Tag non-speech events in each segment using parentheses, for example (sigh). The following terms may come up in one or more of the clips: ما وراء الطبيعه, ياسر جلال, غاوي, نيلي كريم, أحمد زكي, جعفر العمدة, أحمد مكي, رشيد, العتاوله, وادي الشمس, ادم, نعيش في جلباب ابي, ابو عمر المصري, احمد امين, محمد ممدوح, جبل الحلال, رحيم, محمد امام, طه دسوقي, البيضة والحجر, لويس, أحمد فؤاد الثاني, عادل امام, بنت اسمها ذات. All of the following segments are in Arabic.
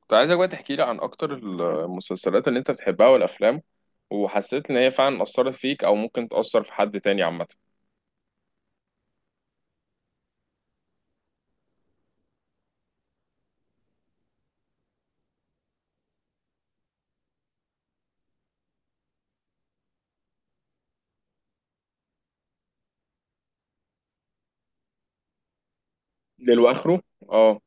كنت عايزك بقى تحكي لي عن اكتر المسلسلات اللي انت بتحبها والافلام، وحسيت ان هي فعلا اثرت فيك او ممكن تاثر في حد تاني عامه. للواخره. اه.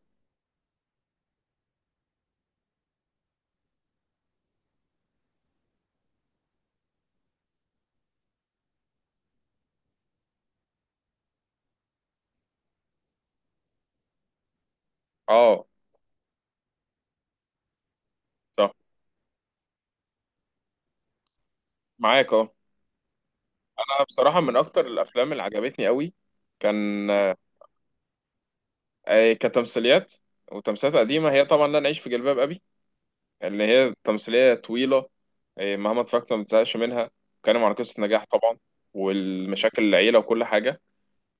اه. صح. معاك اه. انا بصراحه من اكتر الافلام اللي عجبتني قوي كان كتمثيليات، وتمثيلات قديمه، هي طبعا لا نعيش في جلباب ابي. اللي هي تمثيليه طويله. مهما اتفرجت ما بتزهقش منها. بتتكلم عن قصه نجاح طبعا، والمشاكل العيله وكل حاجه.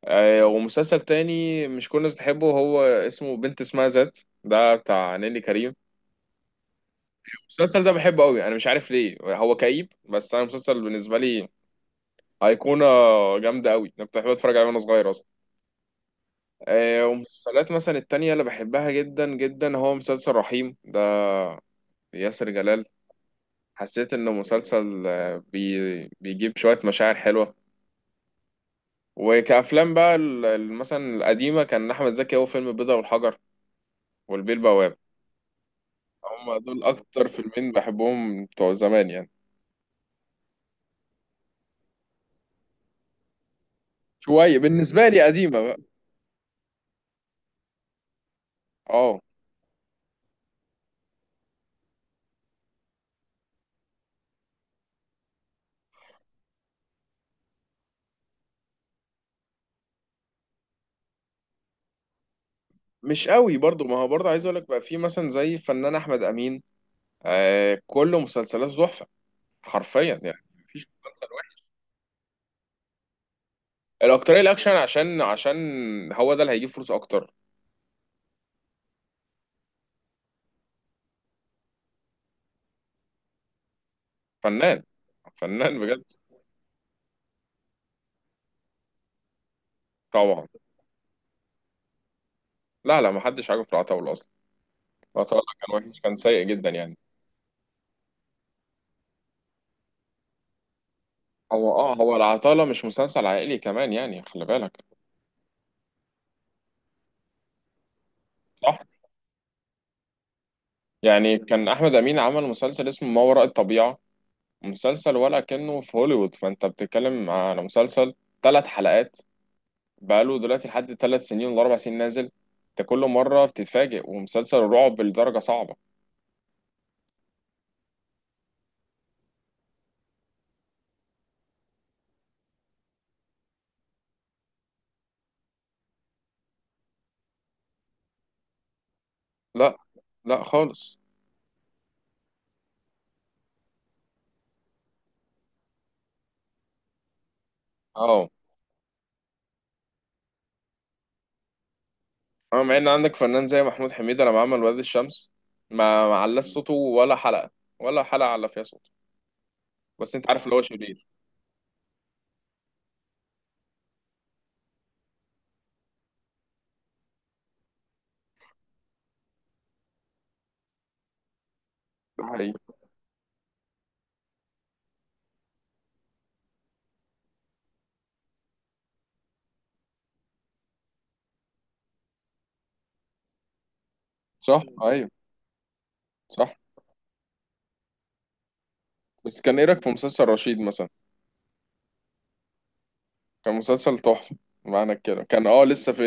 ومسلسل تاني مش كل الناس بتحبه، هو اسمه بنت اسمها ذات، ده بتاع نيلي كريم. المسلسل ده بحبه قوي، انا مش عارف ليه هو كئيب، بس انا المسلسل بالنسبه لي ايقونه جامده قوي. انا كنت بحب اتفرج عليه وانا صغير اصلا. ومسلسلات مثلا التانية اللي بحبها جدا جدا هو مسلسل رحيم، ده ياسر جلال. حسيت انه مسلسل بيجيب شويه مشاعر حلوه. وكأفلام بقى مثلا القديمة كان أحمد زكي، هو فيلم البيضة والحجر والبيه البواب. هم دول اكتر فيلمين بحبهم بتوع زمان يعني. شويه بالنسبه لي قديمه بقى. اه. مش قوي برضو، ما هو برضو عايز اقول لك بقى في مثلا زي الفنان احمد امين. كل مسلسلاته تحفه. حرفيا يعني مفيش مسلسل واحد. الاكتريه الاكشن عشان هو ده اللي هيجيب فلوس اكتر. فنان، فنان بجد. طبعا. لا، لا، ما حدش عاجبه في العتاوله اصلا. العتاوله كان وحش، كان سيء جدا يعني. هو العتاوله مش مسلسل عائلي كمان يعني، خلي بالك. صح. يعني كان احمد امين عمل مسلسل اسمه ما وراء الطبيعه، مسلسل ولا كأنه في هوليوود، فانت بتتكلم على مسلسل 3 حلقات، بقاله دلوقتي لحد 3 سنين ولا 4 سنين نازل. انت كل مره بتتفاجئ، ومسلسل رعب لدرجه صعبه. لا، لا خالص. اه. اما مع ان عندك فنان زي محمود حميده لما عمل وادي الشمس، ما علاش صوته ولا حلقه، ولا حلقه على فيها صوته. بس انت عارف اللي هو شرير. ده حقيقي. صح. ايوه. صح. بس كان ايه رايك في مسلسل رشيد مثلا؟ كان مسلسل تحفة. معنى كده كان لسه في.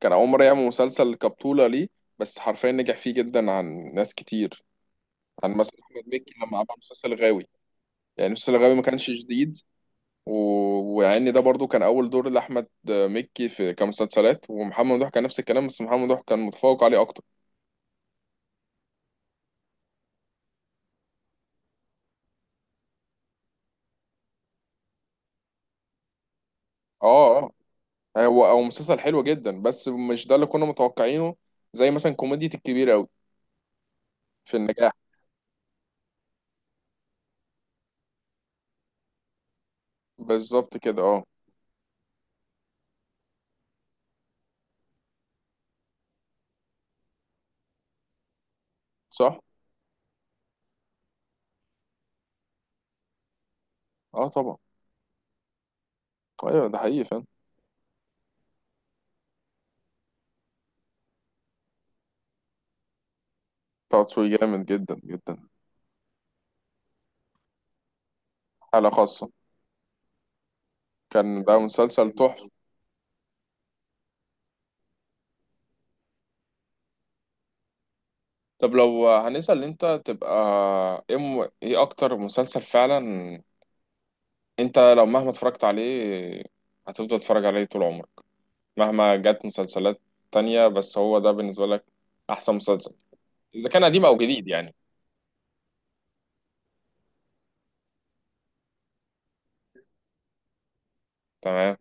كان أول مرة يعمل مسلسل كبطولة ليه. بس حرفيا نجح فيه جدا عن ناس كتير. عن مثلا أحمد مكي لما عمل مسلسل غاوي، يعني مسلسل غاوي ما كانش جديد. و... ويعني ده برضو كان أول دور لأحمد مكي في كمسلسلات، ومحمد ممدوح كان نفس الكلام، بس محمد ممدوح كان متفوق عليه أكتر. اه. اه. هو مسلسل حلو جدا، بس مش ده اللي كنا متوقعينه. زي مثلا كوميديا الكبير أوي في النجاح. بالظبط كده. اه. صح. اه. طبعا. ايوه. ده حقيقي فعلا. طه دسوقي جامد جدا جدا. حالة خاصة. كان ده مسلسل تحفة. طب لو هنسأل انت تبقى ايه اكتر مسلسل فعلا، انت لو مهما اتفرجت عليه هتفضل تتفرج عليه طول عمرك، مهما جت مسلسلات تانية، بس هو ده بالنسبة لك احسن مسلسل اذا كان قديم او جديد يعني؟ تمام.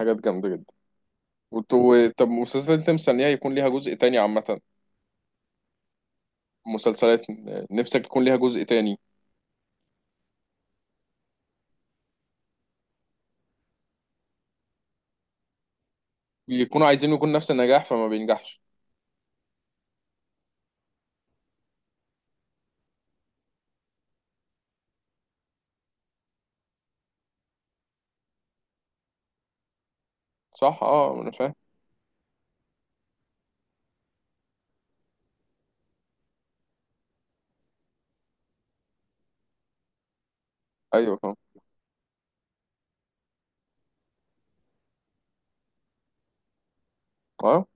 حاجات جامدة جدا. طب مسلسلات انت مستنيها يكون ليها جزء تاني عامة؟ مسلسلات نفسك يكون ليها جزء تاني؟ بيكونوا عايزين يكون نفس النجاح فما بينجحش. صح. اه. انا فاهم. ايوه طبعا. اه.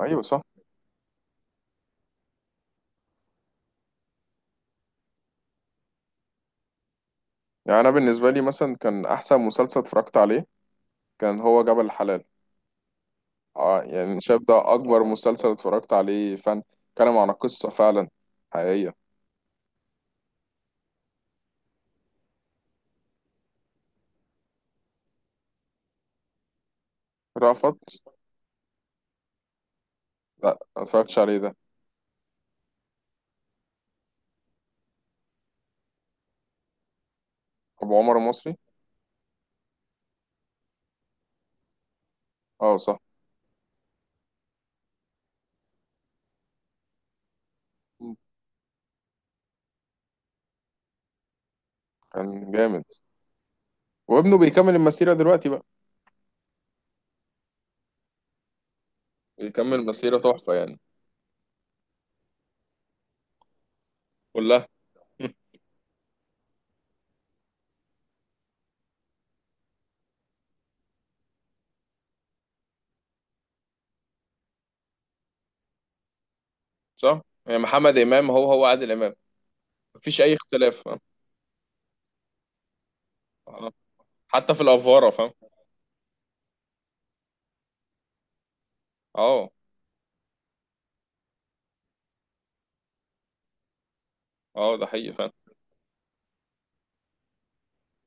ايوه. صح. يعني انا بالنسبه لي مثلا كان احسن مسلسل اتفرجت عليه كان هو جبل الحلال. اه. يعني أنا شايف ده اكبر مسلسل اتفرجت عليه فن، كلام عن قصه فعلا حقيقيه. رأفت. لا، ما اتفرجتش عليه ده. ابو عمر المصري. اه صح. مم. كان جامد. وابنه بيكمل المسيره دلوقتي بقى. بيكمل مسيره تحفه يعني. كلها. (laughs) مم. صح. يعني محمد امام هو هو عادل امام، مفيش اي اختلاف. آه. آه. حتى في الافواره، فاهم؟ اه. اه. ده حقيقي فعلا.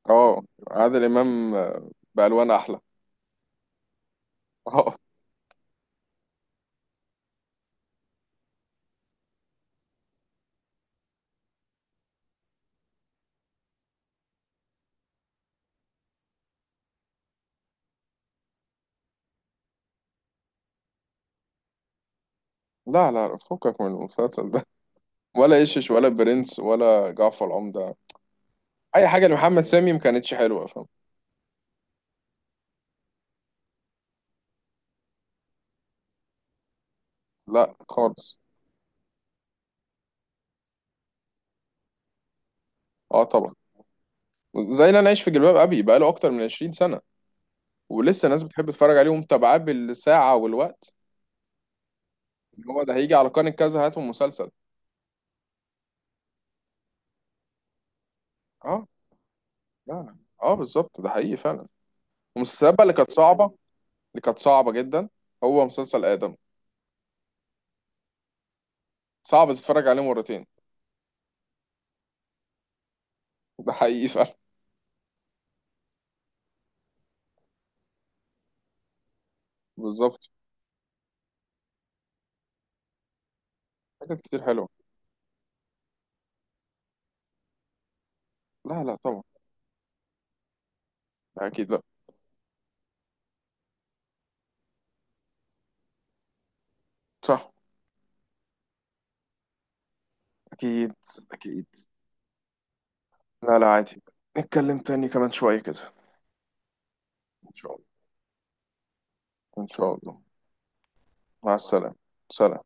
اه. عادل امام بالوان احلى. اه. لا، لا، فكك من المسلسل ده. ولا يشش، ولا برنس، ولا جعفر العمدة. اي حاجه لمحمد سامي ما كانتش حلوه، فاهم؟ لا خالص. اه طبعا. زي اللي انا عايش في جلباب ابي بقاله اكتر من 20 سنه، ولسه ناس بتحب تتفرج عليه ومتابعاه بالساعه والوقت. اللي هو ده هيجي على قناه كذا هاتوا مسلسل. اه. لا، لا. اه بالظبط ده حقيقي فعلا. المسلسلات بقى اللي كانت صعبه، اللي كانت صعبه جدا، هو مسلسل ادم. صعب تتفرج عليه مرتين. ده حقيقي فعلا. بالظبط. حاجات كتير حلوة. لا، لا طبعا. لا أكيد لا. صح. أكيد. أكيد. لا، لا، عادي. نتكلم تاني كمان شوية كده. إن شاء الله. إن شاء الله. مع السلامة. سلام.